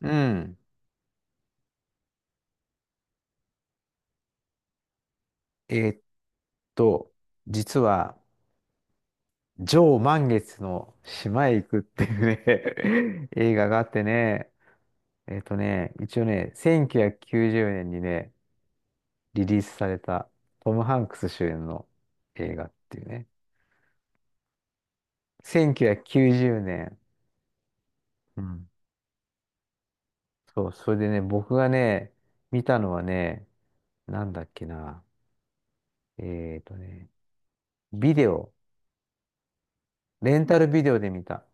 うん。えーっと、実は、上満月の島へ行くっていうね 映画があってね、一応ね、1990年にね、リリースされたトム・ハンクス主演の映画っていうね。1990年。うん。そう、それでね、僕がね、見たのはね、なんだっけな。えーっとね、ビデオ、レンタルビデオで見た。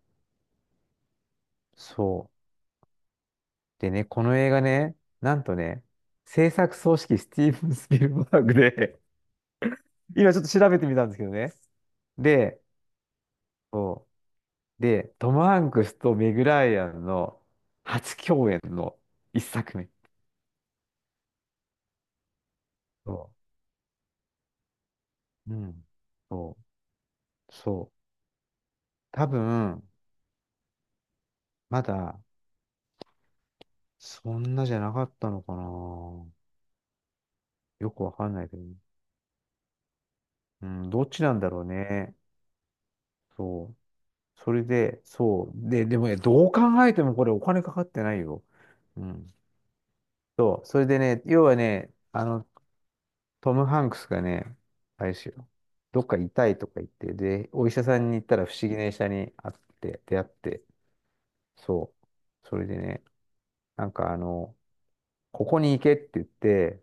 そう。でね、この映画ね、なんとね、制作総指揮スティーブン・スピルバーグで 今ちょっと調べてみたんですけどね。で、そう。で、トム・ハンクスとメグ・ライアンの初共演の一作目。そう。うん。そう。そう。多分、まだ、そんなじゃなかったのかな。よくわかんないけどね。うん、どっちなんだろうね。そう。それで、そう。で、でもね、どう考えてもこれお金かかってないよ。うん。そう、それでね、要はね、トム・ハンクスがね、あれですよ、どっか痛いとか言って、で、お医者さんに行ったら不思議な医者に会って、出会って、そう、それでね、なんかあの、ここに行けって言って、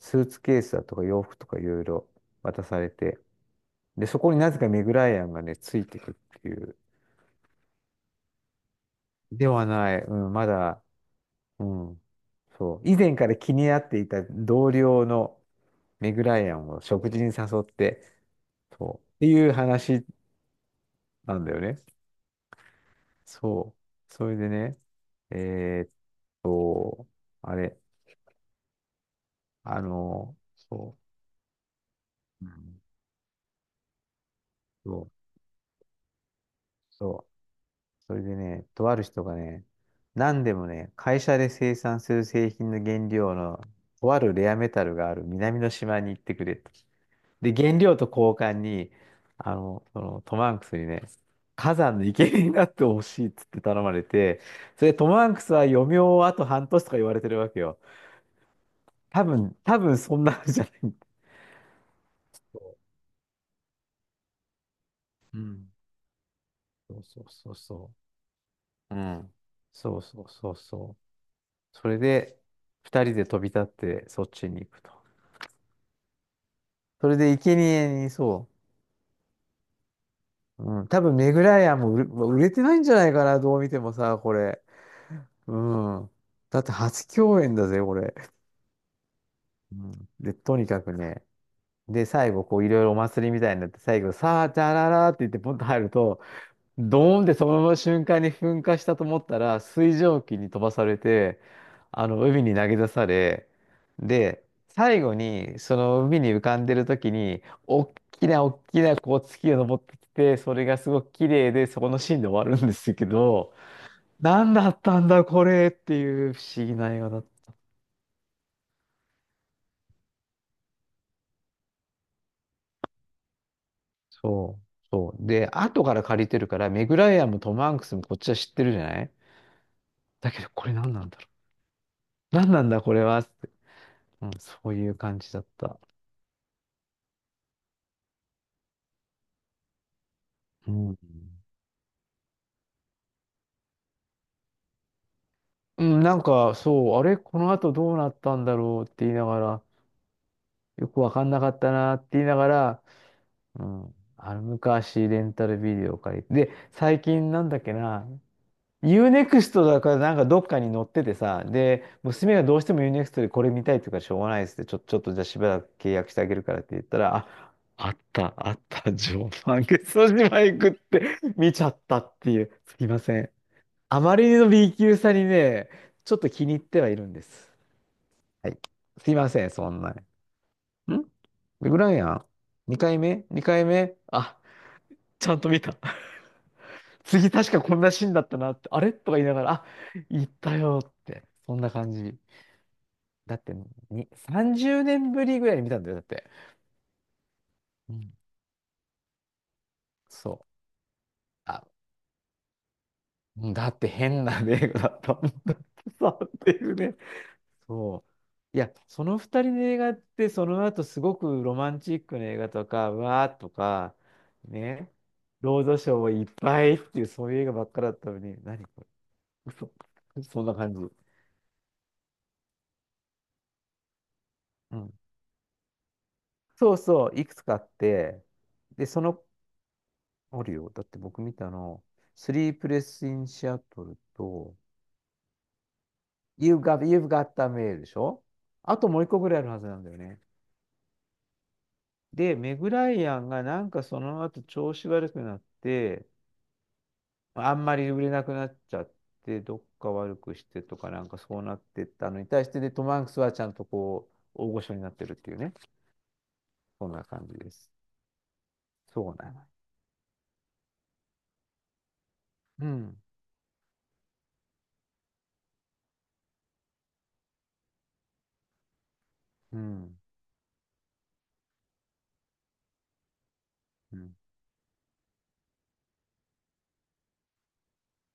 スーツケースだとか洋服とかいろいろ渡されて、で、そこになぜかメグライアンがね、ついてくっていう、ではない、うん、まだ、うん、そう、以前から気になっていた同僚のメグライアンを食事に誘って、そう。っていう話なんだよね。そう。それでね、えーっと、あれ、そう。うんそう。そう。それでね、とある人がね、何でもね、会社で生産する製品の原料の、とあるレアメタルがある南の島に行ってくれ。とで、原料と交換に、そのトム・ハンクスにね、火山の生贄になってほしいっつって頼まれて、それでトム・ハンクスは余命をあと半年とか言われてるわけよ。多分そんなのじゃない。うん。そうそうそうそう。うん。そうそうそうそう。それで、二人で飛び立ってそっちに行くと。それで、生贄にそう。うん。多分、メグライアンも売れてないんじゃないかな、どう見てもさ、これ。うん。だって初共演だぜ、これ。うん、で、とにかくね、で、最後、こう、いろいろお祭りみたいになって、最後、さあ、じゃららって言って、ポンと入ると、ドーンってそのまま瞬間に噴火したと思ったら、水蒸気に飛ばされて、海に投げ出され、で、最後に、その海に浮かんでる時に、おっきなおっきな、こう、月が昇ってきて、それがすごく綺麗で、そこのシーンで終わるんですけど、何だったんだ、これっていう不思議な映画だっそう、そう。で、後から借りてるから、メグライアンもトム・ハンクスもこっちは知ってるじゃないだけど、これ何なんだろう。何なんだ、これは。って。うん、そういう感じだった。うん。うん、なんか、そう、あれ、この後どうなったんだろうって言いながら、よくわかんなかったなって言いながら、うん、あの昔レンタルビデオを借りて、で、最近なんだっけな、u n ク x トだからなんかどっかに乗っててさ、で、娘がどうしても u n ク x トでこれ見たいっていうからしょうがないですって、ちょっとじゃあしばらく契約してあげるからって言ったら、あ、あった、あった、常磐下ソ島へ行くって 見ちゃったっていう、すいません。あまりの B 級さにね、ちょっと気に入ってはいるんです。はい。すいません、そんな。んレグランやん？ 2 回目？ 2 回目あ、ちゃんと見た。次確かこんなシーンだったなって、あれとか言いながら、あ、行ったよって、そんな感じ。だって、に、30年ぶりぐらいに見たんだよ、だって。うん、そう。あ、うんだって変な映画だったもんだってさ、っていうね。そう。いや、その二人の映画って、その後すごくロマンチックな映画とか、わーとか、ね、ロードショーをいっぱいっていう、そういう映画ばっかだったのに、何か嘘。そんな感じ。うんそうそう、いくつかあって、で、その、あるよ。だって僕見たの、スリープレスインシアトルと、You've got, You've got the mail でしょあともう一個ぐらいあるはずなんだよね。で、メグライアンがなんかその後調子悪くなって、あんまり売れなくなっちゃって、どっか悪くしてとかなんかそうなってったのに対して、で、トム・ハンクスはちゃんとこう、大御所になってるっていうね。そんな感じです。そうなの。うん。うん。うん。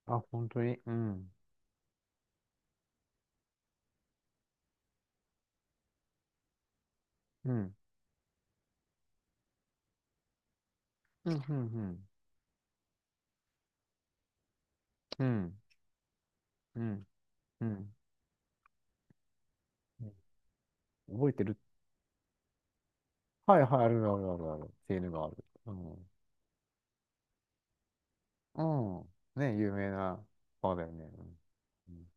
あ、本当に。うん。うん。うん、うん、うん。うん、うん。うん覚えてるはい、はい、あるあるあるある。セーヌがある。うん。うん。ね、有名な川だよね。うんうん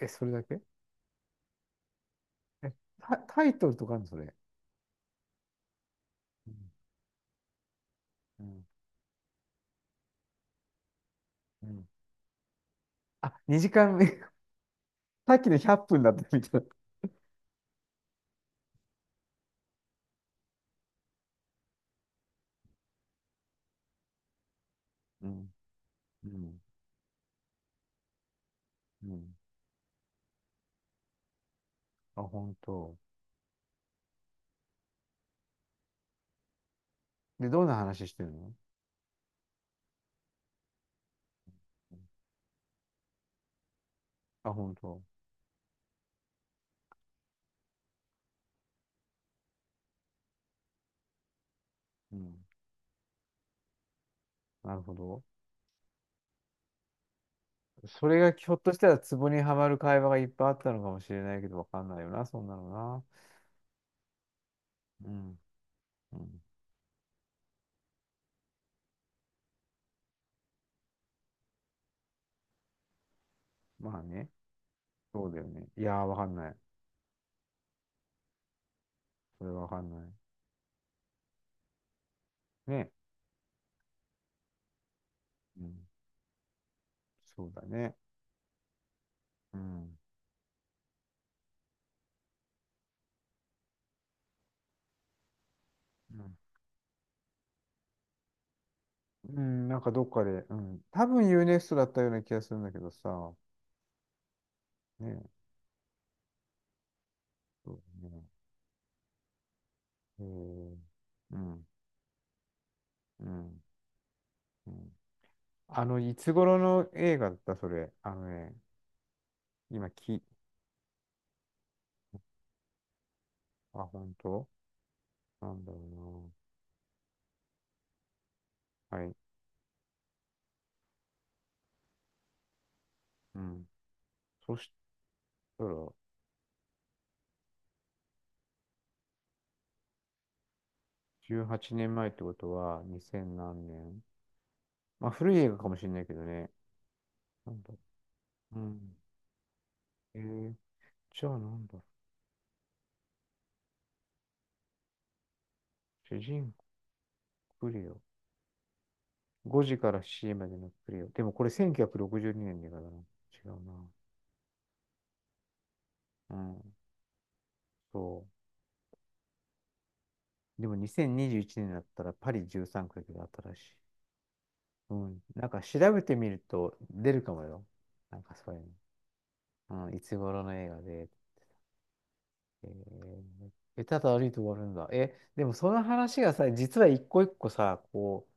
え、それだけえ、タイトルとかあるのそれ。うん。うん。うんあ、2時間目。さっきの100分だったみたいな。うん。うん。うん。あ、本当。で、どんな話してるのあ、本当。うん。なるほど。それがひょっとしたらツボにはまる会話がいっぱいあったのかもしれないけど、わかんないよな、そんなのな。うん。うん。まあね。そうだよね。いやー、わかんない。それはわかんない。ね。うん。そうだね。うん。うん。うんなんかどっかで、うん。多分ユーネ e ストだったような気がするんだけどさ。ね。そうだね。へーうん。うん。うん。あの、いつ頃の映画だったそれ。あのね、今、き、あ、本当なんだろうな。はい。うん。そそうだ、18年前ってことは、2000何年まあ、古い映画かもしれないけどね。なんだうん。えー、じゃあなんだ主人公クレオ。5時から C までのクレオ。でもこれ1962年の映画だな。違うな。うん。そう。でも2021年だったらパリ13区が新しい。うん。なんか調べてみると出るかもよ。なんかそういうの。うん。いつ頃の映画で。えー、えただ歩いて終わるんだ。え、でもその話がさ、実は一個一個さ、こう、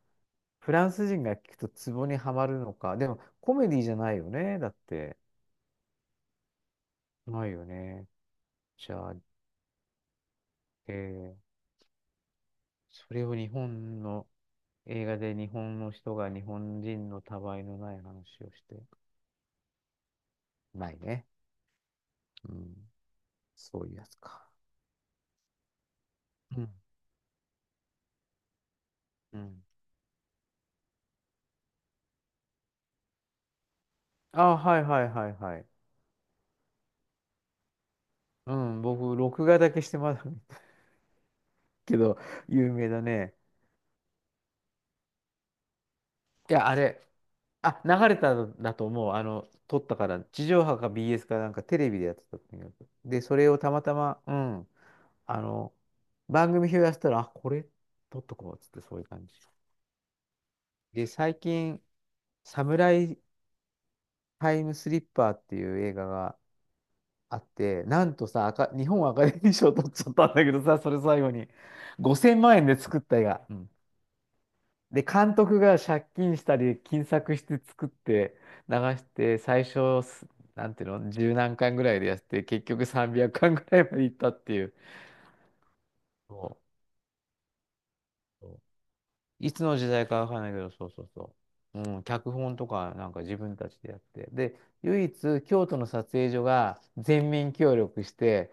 フランス人が聞くとツボにはまるのか。でも、コメディじゃないよね。だって。ないよね。じゃあ、えーそれを日本の映画で日本の人が日本人のたわいのない話をして。ないね。うん。そういうやつか。うん。うん。あ、はいはいはいはい。うん、僕、録画だけしてます けど、有名だね。いや、あれ。あ、流れたんだと思う。撮ったから、地上波か BS かなんかテレビでやってたとにかで、それをたまたま、うん、あの、番組表やってたら、あ、これ撮っとこうっつって、そういう感じ。で、最近、サムライタイムスリッパーっていう映画があって、なんとさ、アカ日本アカデミー賞取っちゃったんだけどさ、それ最後に、5000万円で作った映画。で、監督が借金したり、金策して作って流して、最初す、なんていうの、十何巻ぐらいでやって、結局300巻ぐらいまでいったっていう。そうそういつの時代かわかんないけど、そうそうそう。うん、脚本とかなんか自分たちでやって。で、唯一京都の撮影所が全面協力して、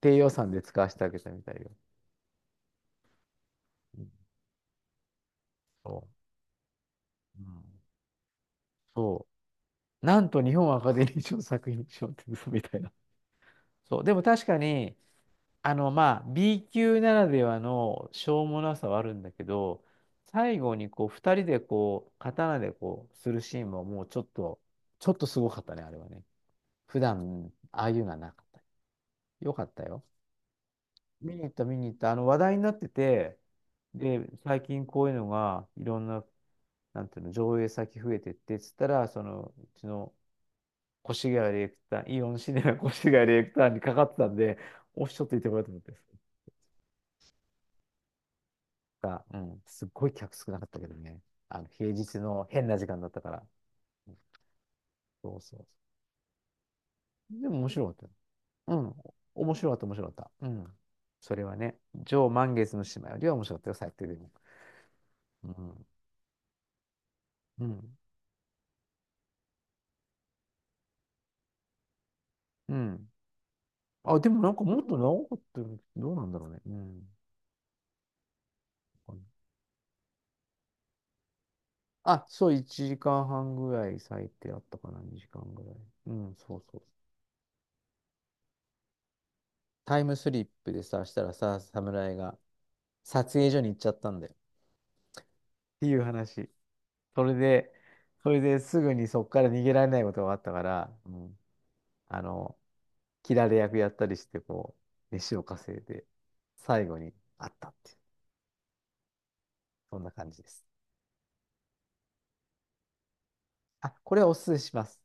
低予算で使わせてあげたみたいよ。うんそう。うん、そう。なんと日本アカデミー賞作品賞って嘘みたいな。そう。でも確かに、まあ、B 級ならではのしょうもなさはあるんだけど、最後にこう、二人でこう、刀でこう、するシーンももうちょっと、ちょっとすごかったね、あれはね。普段、ああいうのはなかった。よかったよ。見に行った、見に行った。話題になってて、で、最近こういうのが、いろんな、なんていうの、上映先増えてって、つったら、その、うちの越谷ディレクター、イオンシネマ越谷ディレクターにかかってたんで、おっしゃっていてもらったと思って。が、うん。すっごい客少なかったけどね。平日の変な時間だったから。そうそうそう。でも面白かったよ。うん。面白かった、面白かった。うん。それはね、上満月の島よりは面白かったよ、最低でも。うん。うん。うん。あ、でもなんかもっと長かったよ。どうなんだろうね。うん。あ、そう、1時間半ぐらい最低あったかな、2時間ぐらい。うん、そうそう。タイムスリップでさ、したらさ、侍が撮影所に行っちゃったんだよ。っていう話。それで、それですぐにそこから逃げられないことがあったから、うん、あの、切られ役やったりして、こう、飯を稼いで、最後にあったっていう、そんな感じです。あ、これはおすすめします。